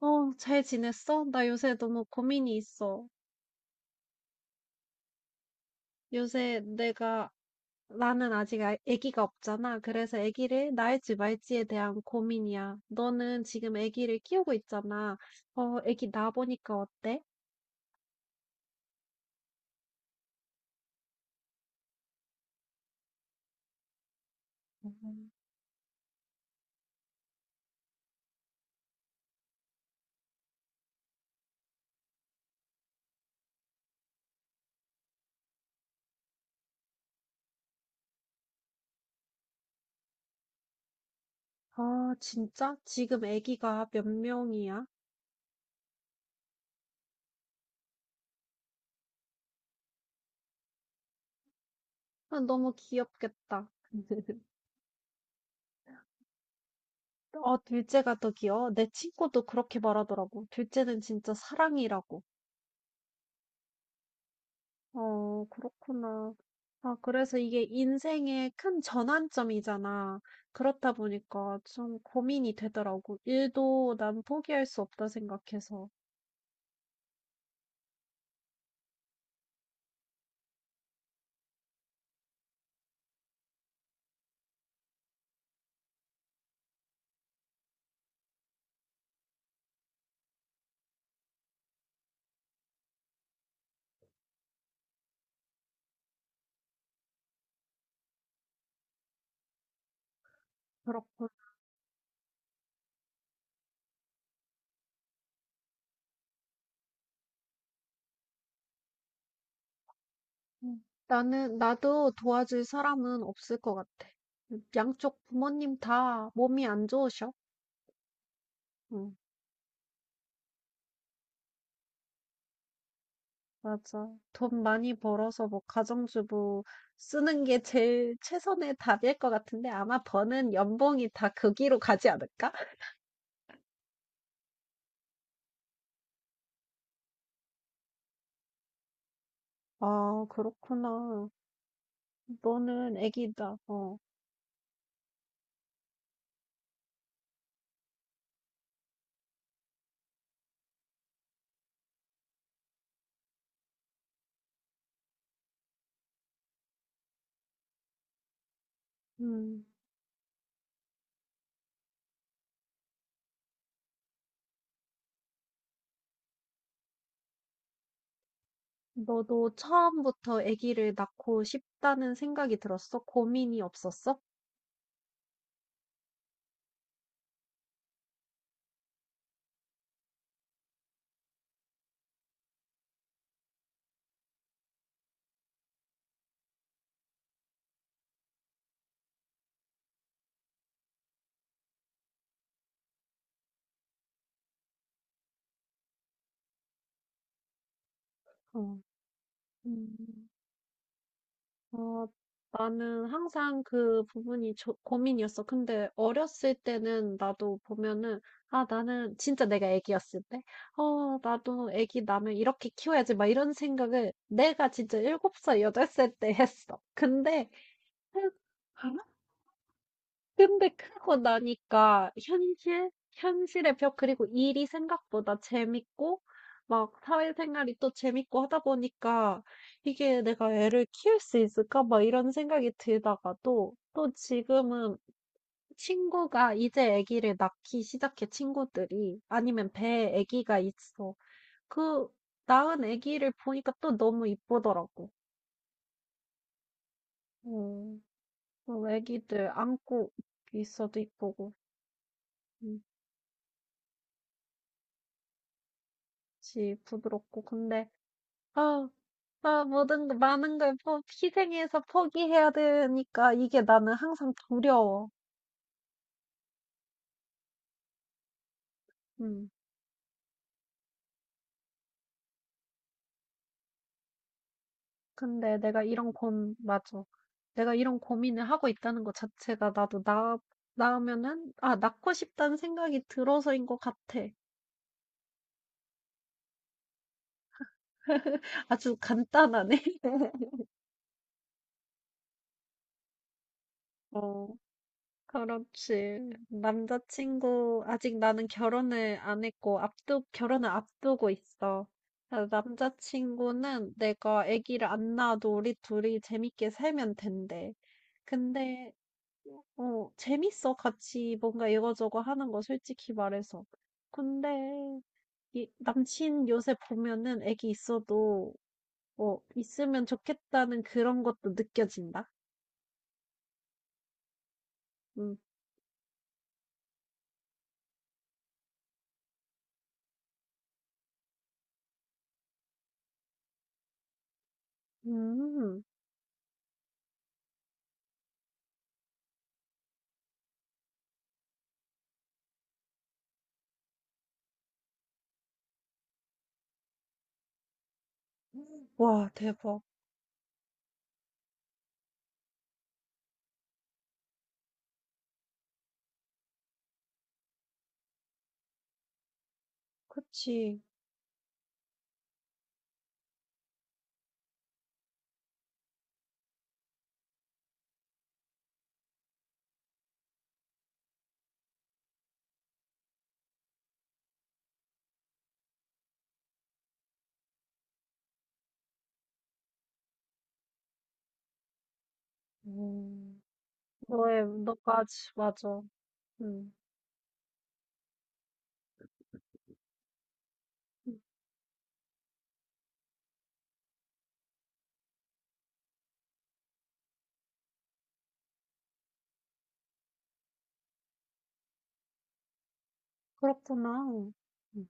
어, 잘 지냈어? 나 요새 너무 고민이 있어. 요새 내가, 나는 아직 아기가 없잖아. 그래서 아기를 낳을지 말지에 대한 고민이야. 너는 지금 아기를 키우고 있잖아. 어, 아기 낳아보니까 어때? 음. 아, 진짜? 지금 아기가 몇 명이야? 아, 너무 귀엽겠다. 어, 둘째가 더 귀여워. 내 친구도 그렇게 말하더라고. 둘째는 진짜 사랑이라고. 어, 그렇구나. 아, 그래서 이게 인생의 큰 전환점이잖아. 그렇다 보니까 좀 고민이 되더라고. 일도 난 포기할 수 없다 생각해서. 그렇군. 음. 나는, 나도 도와줄 사람은 없을 것 같아. 양쪽 부모님 다 몸이 안 좋으셔. 응, 맞아. 돈 많이 벌어서 뭐 가정주부 쓰는 게 제일 최선의 답일 것 같은데 아마 버는 연봉이 다 거기로 가지 않을까? 아, 그렇구나. 너는 애기다. 어. 음. 너도 처음부터 애기를 낳고 싶다는 생각이 들었어? 고민이 없었어? 어. 음. 어, 나는 항상 그 부분이 고민이었어. 근데 어렸을 때는 나도 보면은, 아, 나는 진짜 내가 애기였을 때, 어, 나도 애기 나면 이렇게 키워야지. 막 이런 생각을 내가 진짜 7살 8살 때 했어. 근데 근데 크고 나니까 현실의 벽, 그리고 일이 생각보다 재밌고, 막 사회생활이 또 재밌고 하다 보니까 이게 내가 애를 키울 수 있을까? 막 이런 생각이 들다가도 또 지금은 친구가 이제 아기를 낳기 시작해 친구들이 아니면 배에 아기가 있어. 그 낳은 아기를 보니까 또 너무 이쁘더라고. 음, 그 아기들 안고 있어도 이쁘고. 음. 그치, 부드럽고. 근데, 아, 아, 모든, 많은 걸 희생해서 포기해야 되니까 이게 나는 항상 두려워. 음. 근데 내가 이런 고 맞아. 내가 이런 고민을 하고 있다는 것 자체가 나도 나으면은, 아, 낳고 싶다는 생각이 들어서인 것 같아. 아주 간단하네. 어. 그렇지. 남자친구, 아직 나는 결혼을 안 했고, 결혼을 앞두고 있어. 그래서 남자친구는 내가 아기를 안 낳아도 우리 둘이 재밌게 살면 된대. 근데, 재밌어. 같이 뭔가 이거저거 하는 거, 솔직히 말해서. 근데, 이, 남친 요새 보면은 아기 있어도, 있으면 좋겠다는 그런 것도 느껴진다. 음. 음. 와, 대박. 그치. 음, 너의, 너까지, 맞아. 음. 음. 그렇구나. 음.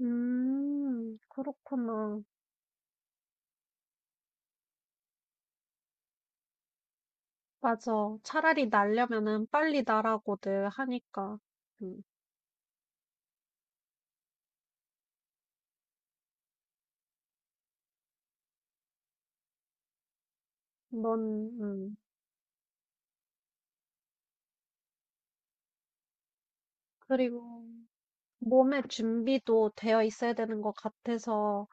음. 그렇구나. 맞아. 차라리 날려면은 빨리 나라고들 하니까. 음, 넌, 음, 그리고, 몸의 준비도 되어 있어야 되는 것 같아서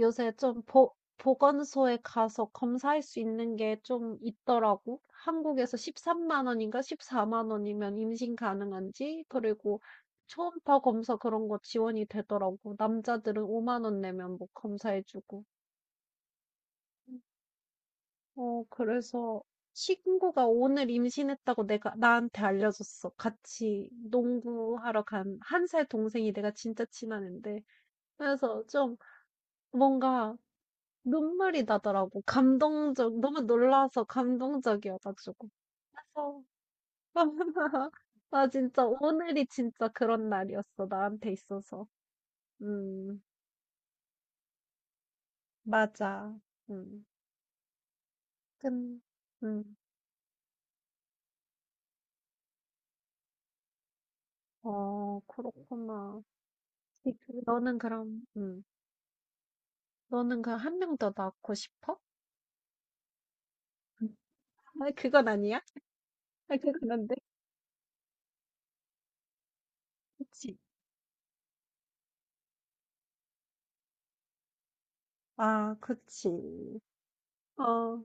요새 좀 보건소에 가서 검사할 수 있는 게 좀 있더라고. 한국에서 13만 원인가 14만 원이면 임신 가능한지, 그리고 초음파 검사 그런 거 지원이 되더라고. 남자들은 5만 원 내면 뭐 검사해주고. 어, 그래서 친구가 오늘 임신했다고 내가 나한테 알려줬어. 같이 농구하러 간 1살 동생이 내가 진짜 친한 앤데. 그래서 좀 뭔가 눈물이 나더라고. 감동적, 너무 놀라서 감동적이어가지고. 그래서, 아, 진짜 오늘이 진짜 그런 날이었어. 나한테 있어서. 음, 맞아. 음. 근, 음. 어, 그렇구나. 이- 그- 너는 그럼, 음, 너는 그럼 1명 더 낳고 싶어? 음. 아, 그건 아니야? 아, 그건 안 돼. 그치. 아, 그치. 어,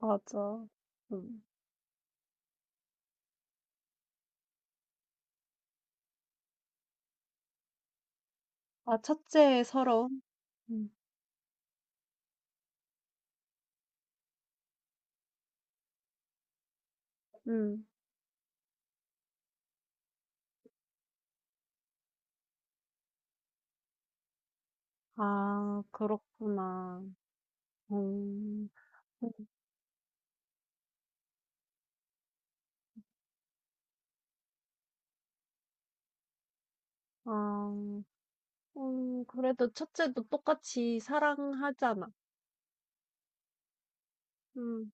맞아. 음. 아, 첫째 서러움? 음. 음. 아, 그렇구나. 음. 음. 아. 음, 그래도 첫째도 똑같이 사랑하잖아. 음.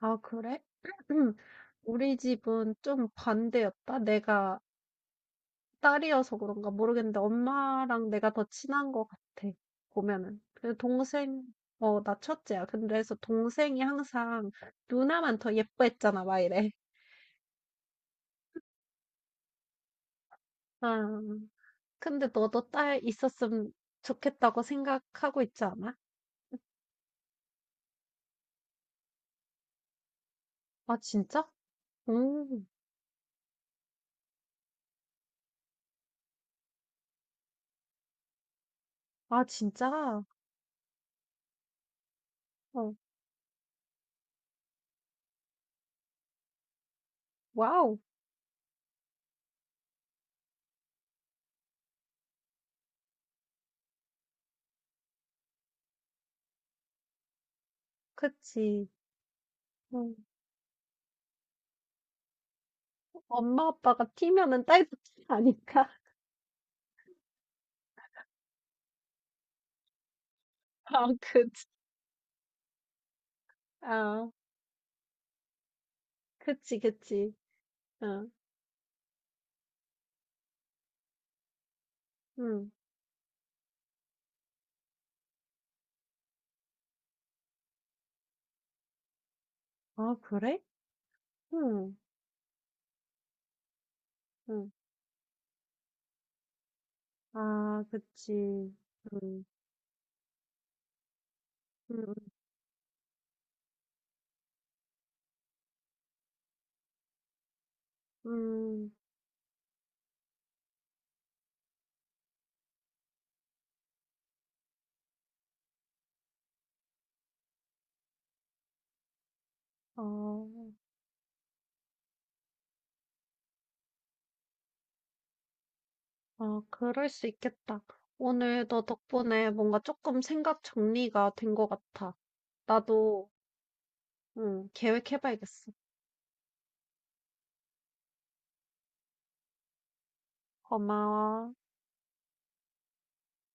아, 그래? 우리 집은 좀 반대였다. 내가 딸이어서 그런가 모르겠는데 엄마랑 내가 더 친한 것 같아, 보면은. 그 동생. 어, 나 첫째야. 근데 그래서 동생이 항상 "누나만 더 예뻐했잖아." 막 이래. 아. 근데 너도 딸 있었으면 좋겠다고 생각하고 있지 않아? 아, 진짜? 오, 아, 진짜? 어, 와우. 그치. 음, 엄마, 아빠가 튀면은 딸도 튀 아니까. 아, 그치. 아, 그치, 그치. 어, 응. 아, 그래? 응, 응. 아, 그치. 응, 응, 응. 어. 아, 그럴 수 있겠다. 오늘 너 덕분에 뭔가 조금 생각 정리가 된 것 같아. 나도, 응, 계획해봐야겠어. 고마워.